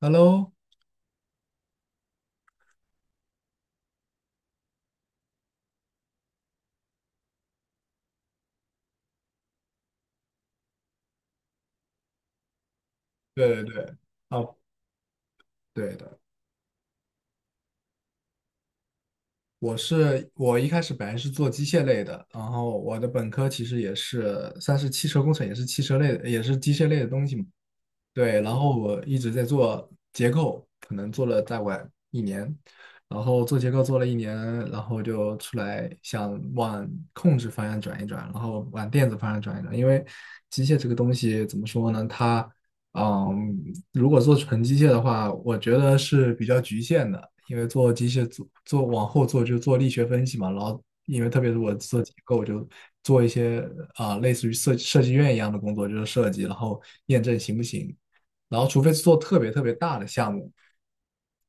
Hello，对对对，哦，对的，我一开始本来是做机械类的，然后我的本科其实也是算是汽车工程，也是汽车类的，也是机械类的东西嘛。对，然后我一直在做结构，可能做了再晚一年，然后做结构做了一年，然后就出来想往控制方向转一转，然后往电子方向转一转，因为机械这个东西怎么说呢？它，嗯，如果做纯机械的话，我觉得是比较局限的，因为做机械做往后做就做力学分析嘛，然后因为特别是我做结构就。做一些类似于设计院一样的工作，就是设计，然后验证行不行。然后除非是做特别特别大的项目，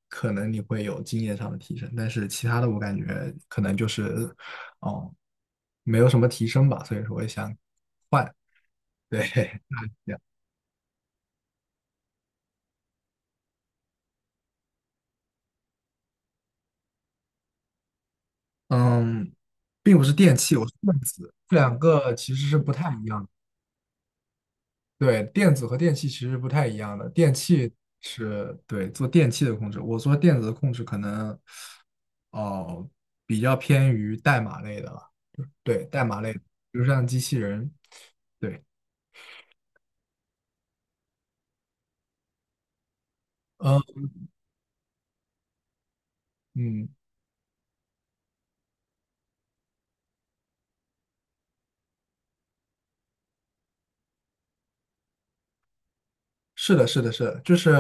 可能你会有经验上的提升，但是其他的我感觉可能就是，哦，没有什么提升吧，所以说我也想换，对，这样，嗯，并不是电器，我是电子，这两个其实是不太一样的。对，电子和电器其实不太一样的，电器是对做电器的控制，我做电子的控制可能哦、比较偏于代码类的了，对，代码类，比如像机器人，对，嗯嗯，是的，是的，是的，就是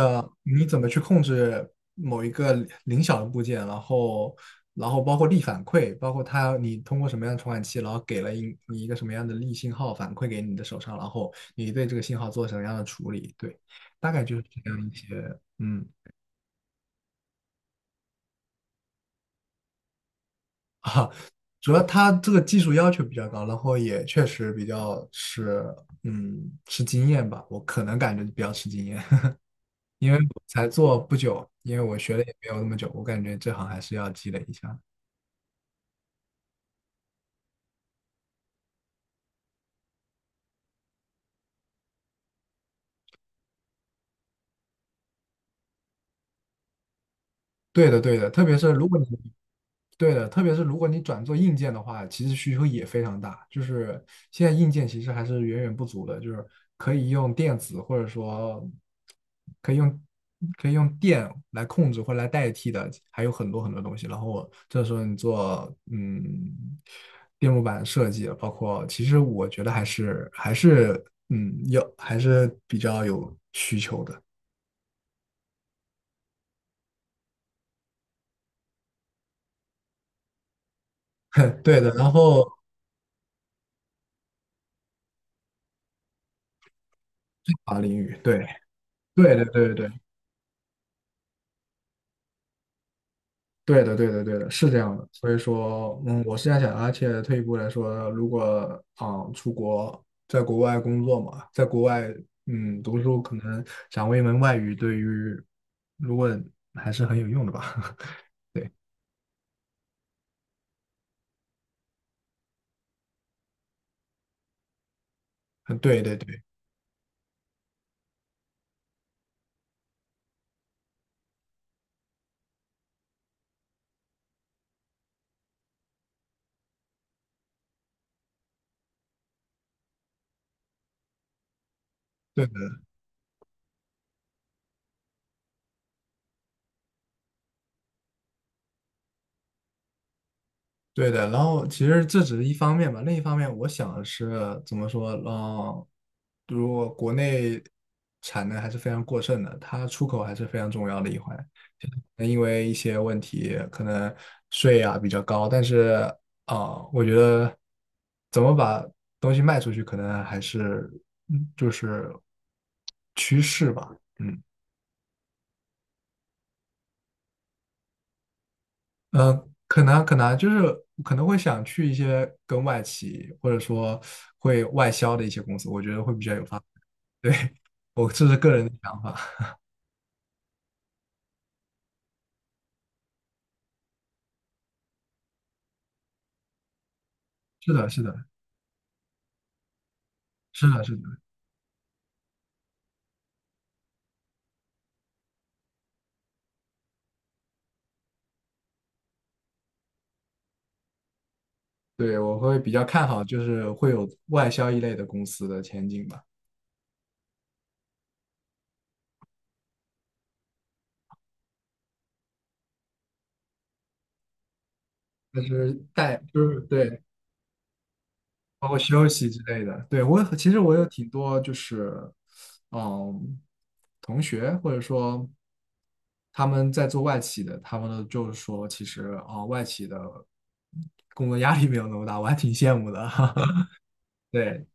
你怎么去控制某一个小的部件，然后，然后包括力反馈，包括它你通过什么样的传感器，然后给了你一个什么样的力信号反馈给你的手上，然后你对这个信号做什么样的处理，对，大概就是这样一些，嗯 啊，主要它这个技术要求比较高，然后也确实比较是，嗯，吃经验吧，我可能感觉比较吃经验。因为我才做不久，因为我学的也没有那么久，我感觉这行还是要积累一下。对的，对的，特别是如果你对的，特别是如果你转做硬件的话，其实需求也非常大。就是现在硬件其实还是远远不足的，就是可以用电子或者说可以用可以用电来控制或来代替的，还有很多很多东西。然后这时候你做电路板设计，包括其实我觉得还是有还是比较有需求的。对的，然后法领域，对对对对对。对的，对的，对的，是这样的。所以说，嗯，我是这样想的，而且退一步来说，如果出国，在国外工作嘛，在国外读书，可能掌握一门外语，对于如果还是很有用的吧。对，嗯对对对对的对的。然后其实这只是一方面吧，另一方面，我想的是怎么说，嗯，如果国内产能还是非常过剩的，它出口还是非常重要的一环。那因为一些问题，可能税啊比较高，但是我觉得怎么把东西卖出去，可能还是就是趋势吧，嗯可能就是可能会想去一些跟外企或者说会外销的一些公司，我觉得会比较有发，对，我这是个人的想法，是的，是的，是的，是的，对，我会比较看好就是会有外销一类的公司的前景吧。就是带，就是对，包括休息之类的。对，我其实我有挺多就是，嗯，同学或者说他们在做外企的，他们呢就是说，其实外企的工作压力没有那么大，我还挺羡慕的。对，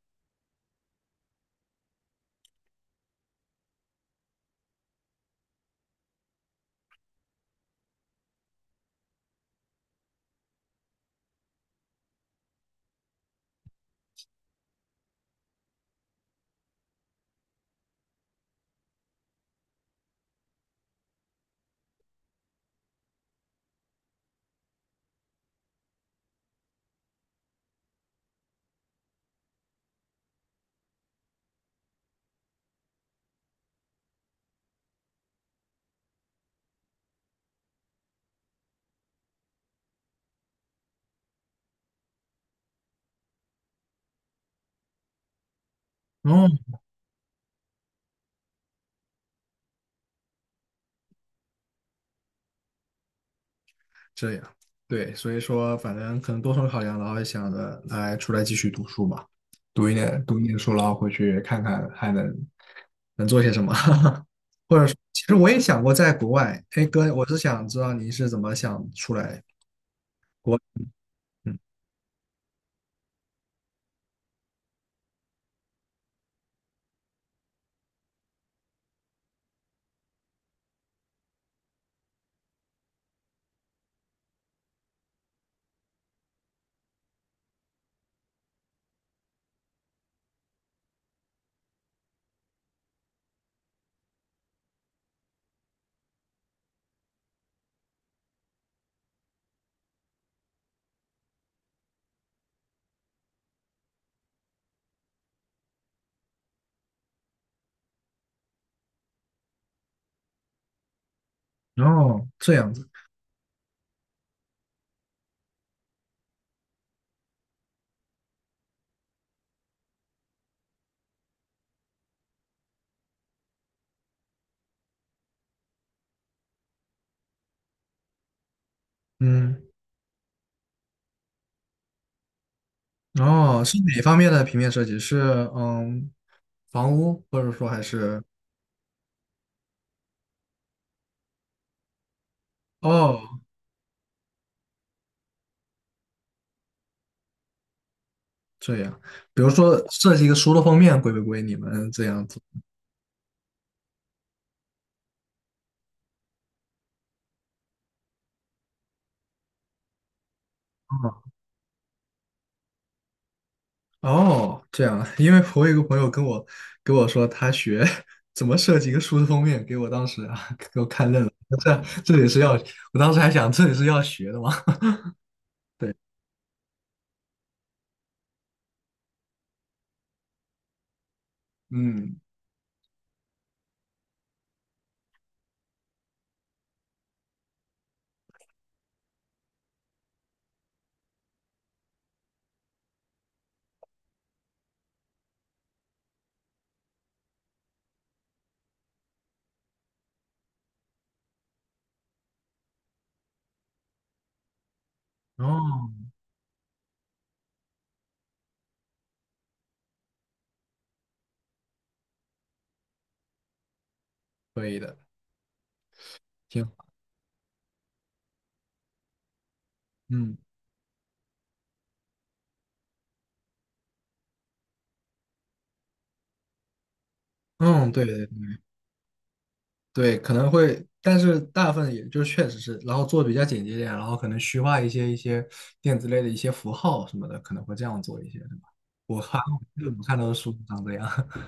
嗯，这样，对，所以说反正可能多重考量，然后想着来出来继续读书吧，读一点书，然后回去看看还能能做些什么？或者说，其实我也想过在国外，哎哥，我是想知道你是怎么想出来，嗯，哦，这样子，嗯，哦，是哪方面的平面设计？是房屋，或者说还是哦这样，比如说设计一个书的封面归不归你们这样子？哦哦，这样，因为我有一个朋友跟我说他学 怎么设计一个书的封面，给我当时啊，这这也是要，我当时还想这也是要学的吗？对，嗯。哦，可以的，挺好。嗯嗯，对对对，可能会，但是大部分也就确实是，然后做的比较简洁一点，然后可能虚化一些电子类的一些符号什么的，可能会这样做一些，对吧？我看我看到的书长这样。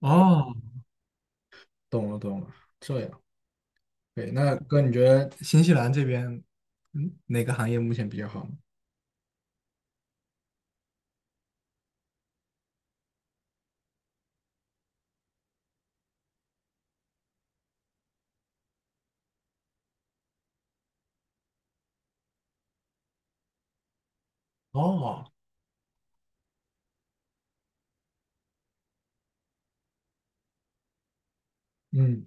哦，懂了懂了，这样。对，那哥，你觉得新西兰这边，嗯，哪个行业目前比较好呢？哦，嗯，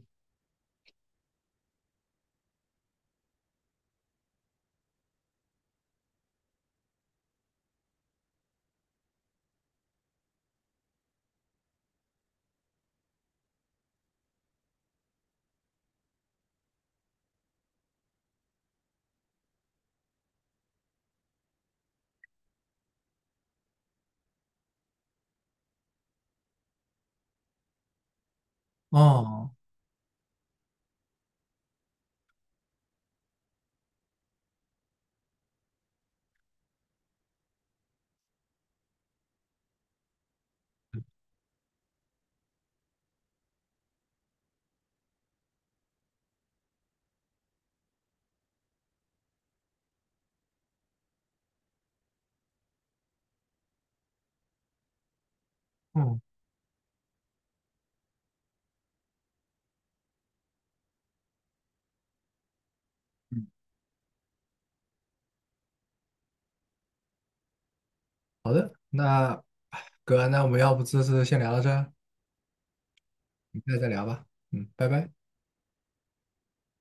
哦，嗯嗯，那哎哥，那我们要不这次先聊到这儿？你再聊吧。嗯，拜拜。